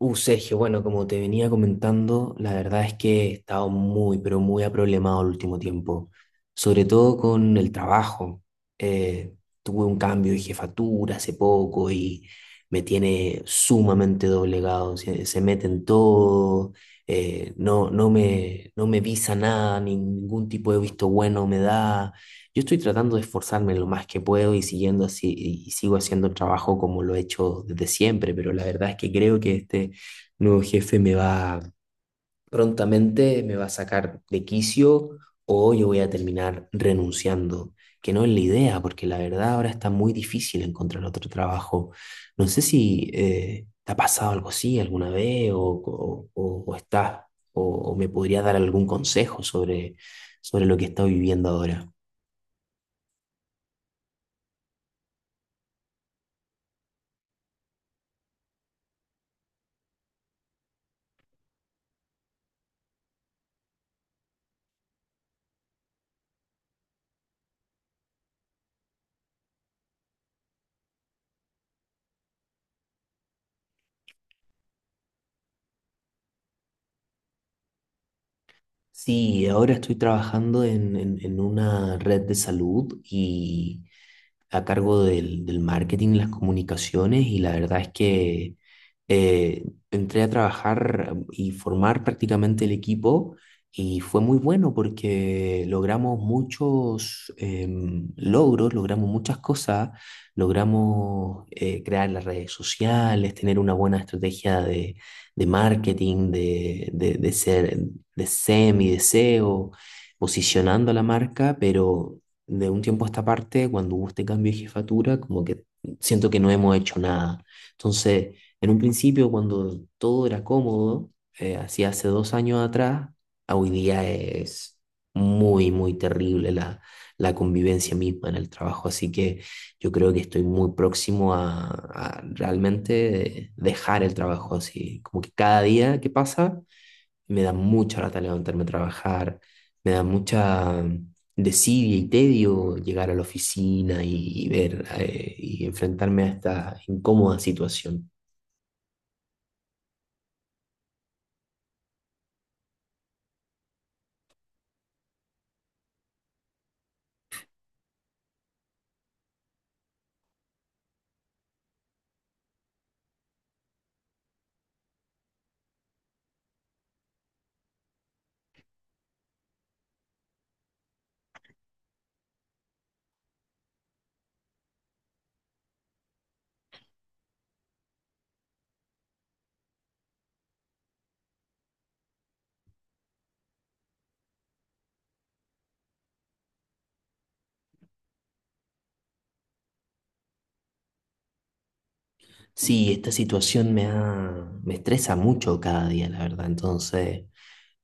Sergio, bueno, como te venía comentando, la verdad es que he estado muy, pero muy aproblemado el último tiempo, sobre todo con el trabajo. Eh, Tuve un cambio de jefatura hace poco y me tiene sumamente doblegado, se mete en todo, no, no me visa nada, ningún tipo de visto bueno me da. Yo estoy tratando de esforzarme lo más que puedo y siguiendo así, y sigo haciendo el trabajo como lo he hecho desde siempre, pero la verdad es que creo que este nuevo jefe me va prontamente, me va a sacar de quicio o yo voy a terminar renunciando, que no es la idea, porque la verdad ahora está muy difícil encontrar otro trabajo. No sé si te ha pasado algo así alguna vez o estás, o, o me podría dar algún consejo sobre lo que estoy viviendo ahora. Sí, ahora estoy trabajando en una red de salud y a cargo del marketing, y las comunicaciones y la verdad es que eh, entré a trabajar y formar prácticamente el equipo y fue muy bueno porque logramos muchos logros, logramos muchas cosas, logramos crear las redes sociales, tener una buena estrategia de marketing, de ser de SEM y de SEO posicionando a la marca, pero de un tiempo a esta parte, cuando hubo este cambio de jefatura, como que siento que no hemos hecho nada. Entonces, en un principio, cuando todo era cómodo, así hace 2 años atrás, a hoy día es muy, muy terrible la, la convivencia misma en el trabajo. Así que yo creo que estoy muy próximo a realmente dejar el trabajo así. Como que cada día que pasa me da mucha lata levantarme a trabajar, me da mucha desidia y tedio llegar a la oficina y ver y enfrentarme a esta incómoda situación. Sí, esta situación me ha, me estresa mucho cada día, la verdad. Entonces,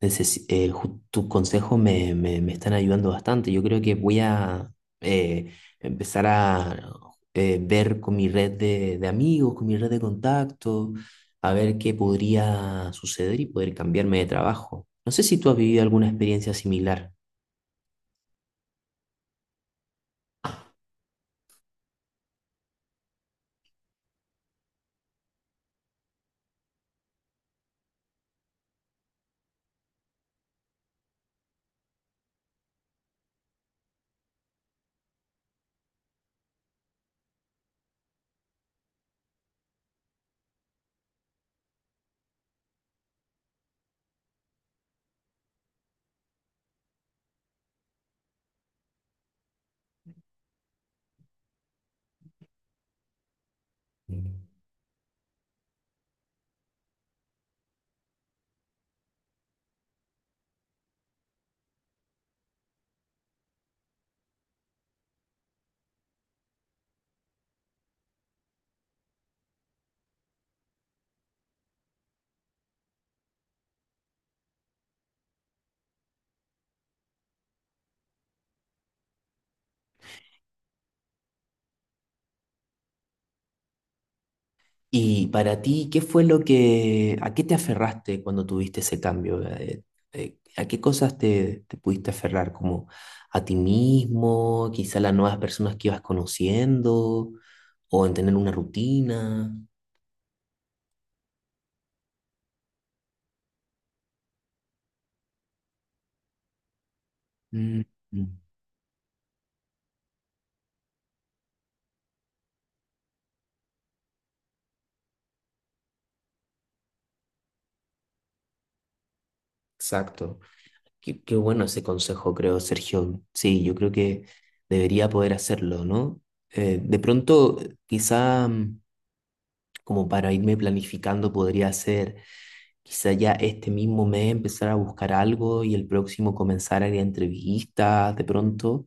tus consejos me están ayudando bastante. Yo creo que voy a eh, empezar a ver con mi red de amigos, con mi red de contactos, a ver qué podría suceder y poder cambiarme de trabajo. No sé si tú has vivido alguna experiencia similar. Y para ti, ¿qué fue lo que, a qué te aferraste cuando tuviste ese cambio? ¿A qué cosas te, te pudiste aferrar? ¿Como a ti mismo, quizá a las nuevas personas que ibas conociendo, o en tener una rutina? Mm, mm, exacto. Qué, qué bueno ese consejo, creo, Sergio. Sí, yo creo que debería poder hacerlo, ¿no? De pronto, quizá como para irme planificando, podría ser quizá ya este mismo mes empezar a buscar algo y el próximo comenzar a ir a entrevistas de pronto.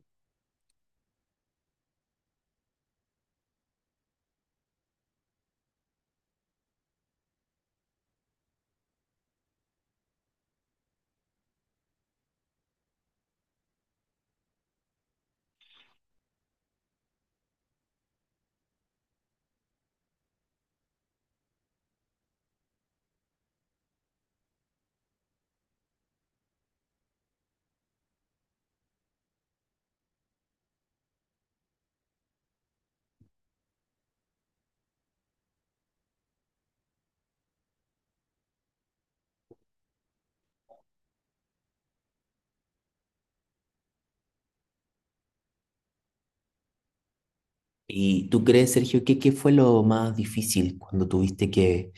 ¿Y tú crees, Sergio, que qué fue lo más difícil cuando tuviste que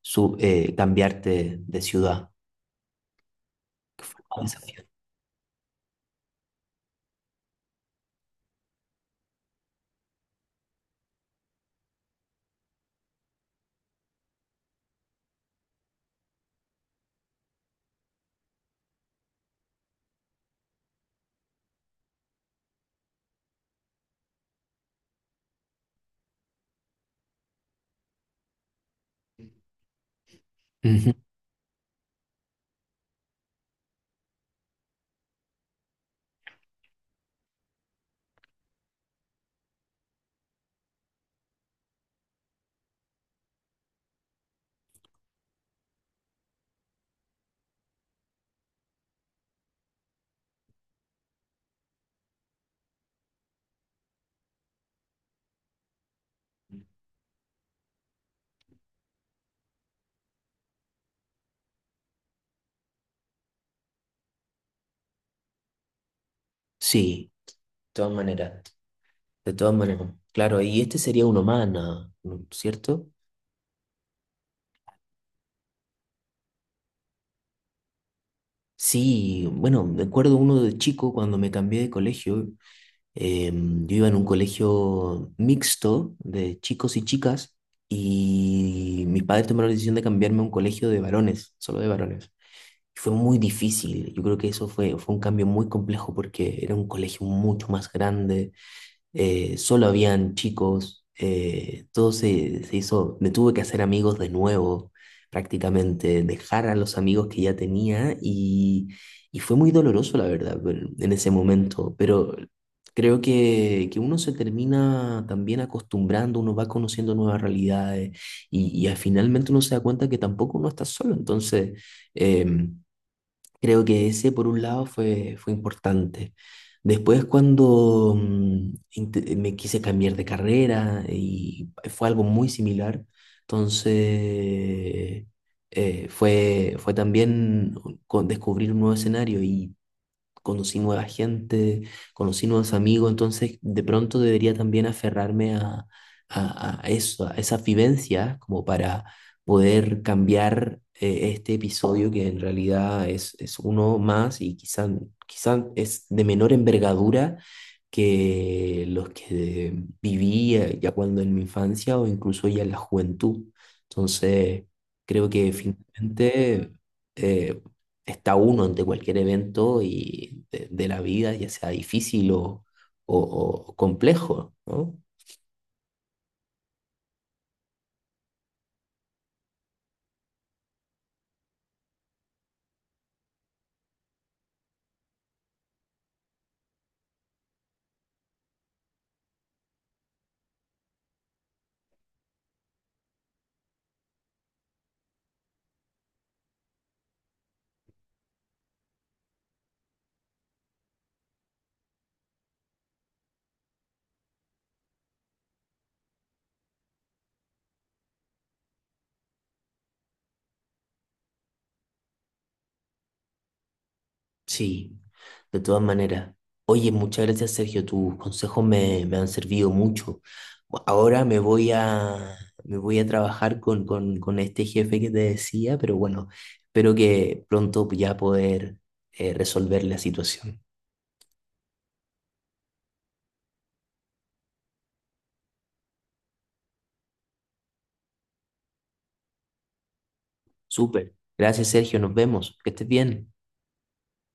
cambiarte de ciudad? ¿Cuál desafío? Ujú. Sí, de todas maneras, de todas maneras. Claro, y este sería uno más, ¿no? ¿No es cierto? Sí, bueno, me acuerdo uno de chico cuando me cambié de colegio. Em, yo iba en un colegio mixto de chicos y chicas y mis padres tomaron la decisión de cambiarme a un colegio de varones, solo de varones. Fue muy difícil, yo creo que eso fue, fue un cambio muy complejo porque era un colegio mucho más grande, solo habían chicos, todo se, se hizo, me tuve que hacer amigos de nuevo, prácticamente, dejar a los amigos que ya tenía y fue muy doloroso, la verdad, pero en ese momento, pero creo que uno se termina también acostumbrando, uno va conociendo nuevas realidades y, finalmente uno se da cuenta que tampoco uno está solo, entonces em, creo que ese, por un lado, fue, fue importante. Después, cuando me quise cambiar de carrera y fue algo muy similar, entonces fue, fue también descubrir un nuevo escenario y conocí nueva gente, conocí nuevos amigos, entonces de pronto debería también aferrarme a eso, a esa vivencia como para poder cambiar este episodio que en realidad es uno más y quizás quizá es de menor envergadura que los que viví ya cuando en mi infancia o incluso ya en la juventud. Entonces, creo que finalmente eh, está uno ante cualquier evento y de la vida, ya sea difícil o- o complejo, ¿no? Sí, de todas maneras. Oye, muchas gracias, Sergio. Tus consejos me, me han servido mucho. Ahora me voy a trabajar con este jefe que te decía, pero bueno, espero que pronto ya poder resolver la situación. Súper. Gracias, Sergio. Nos vemos. Que estés bien.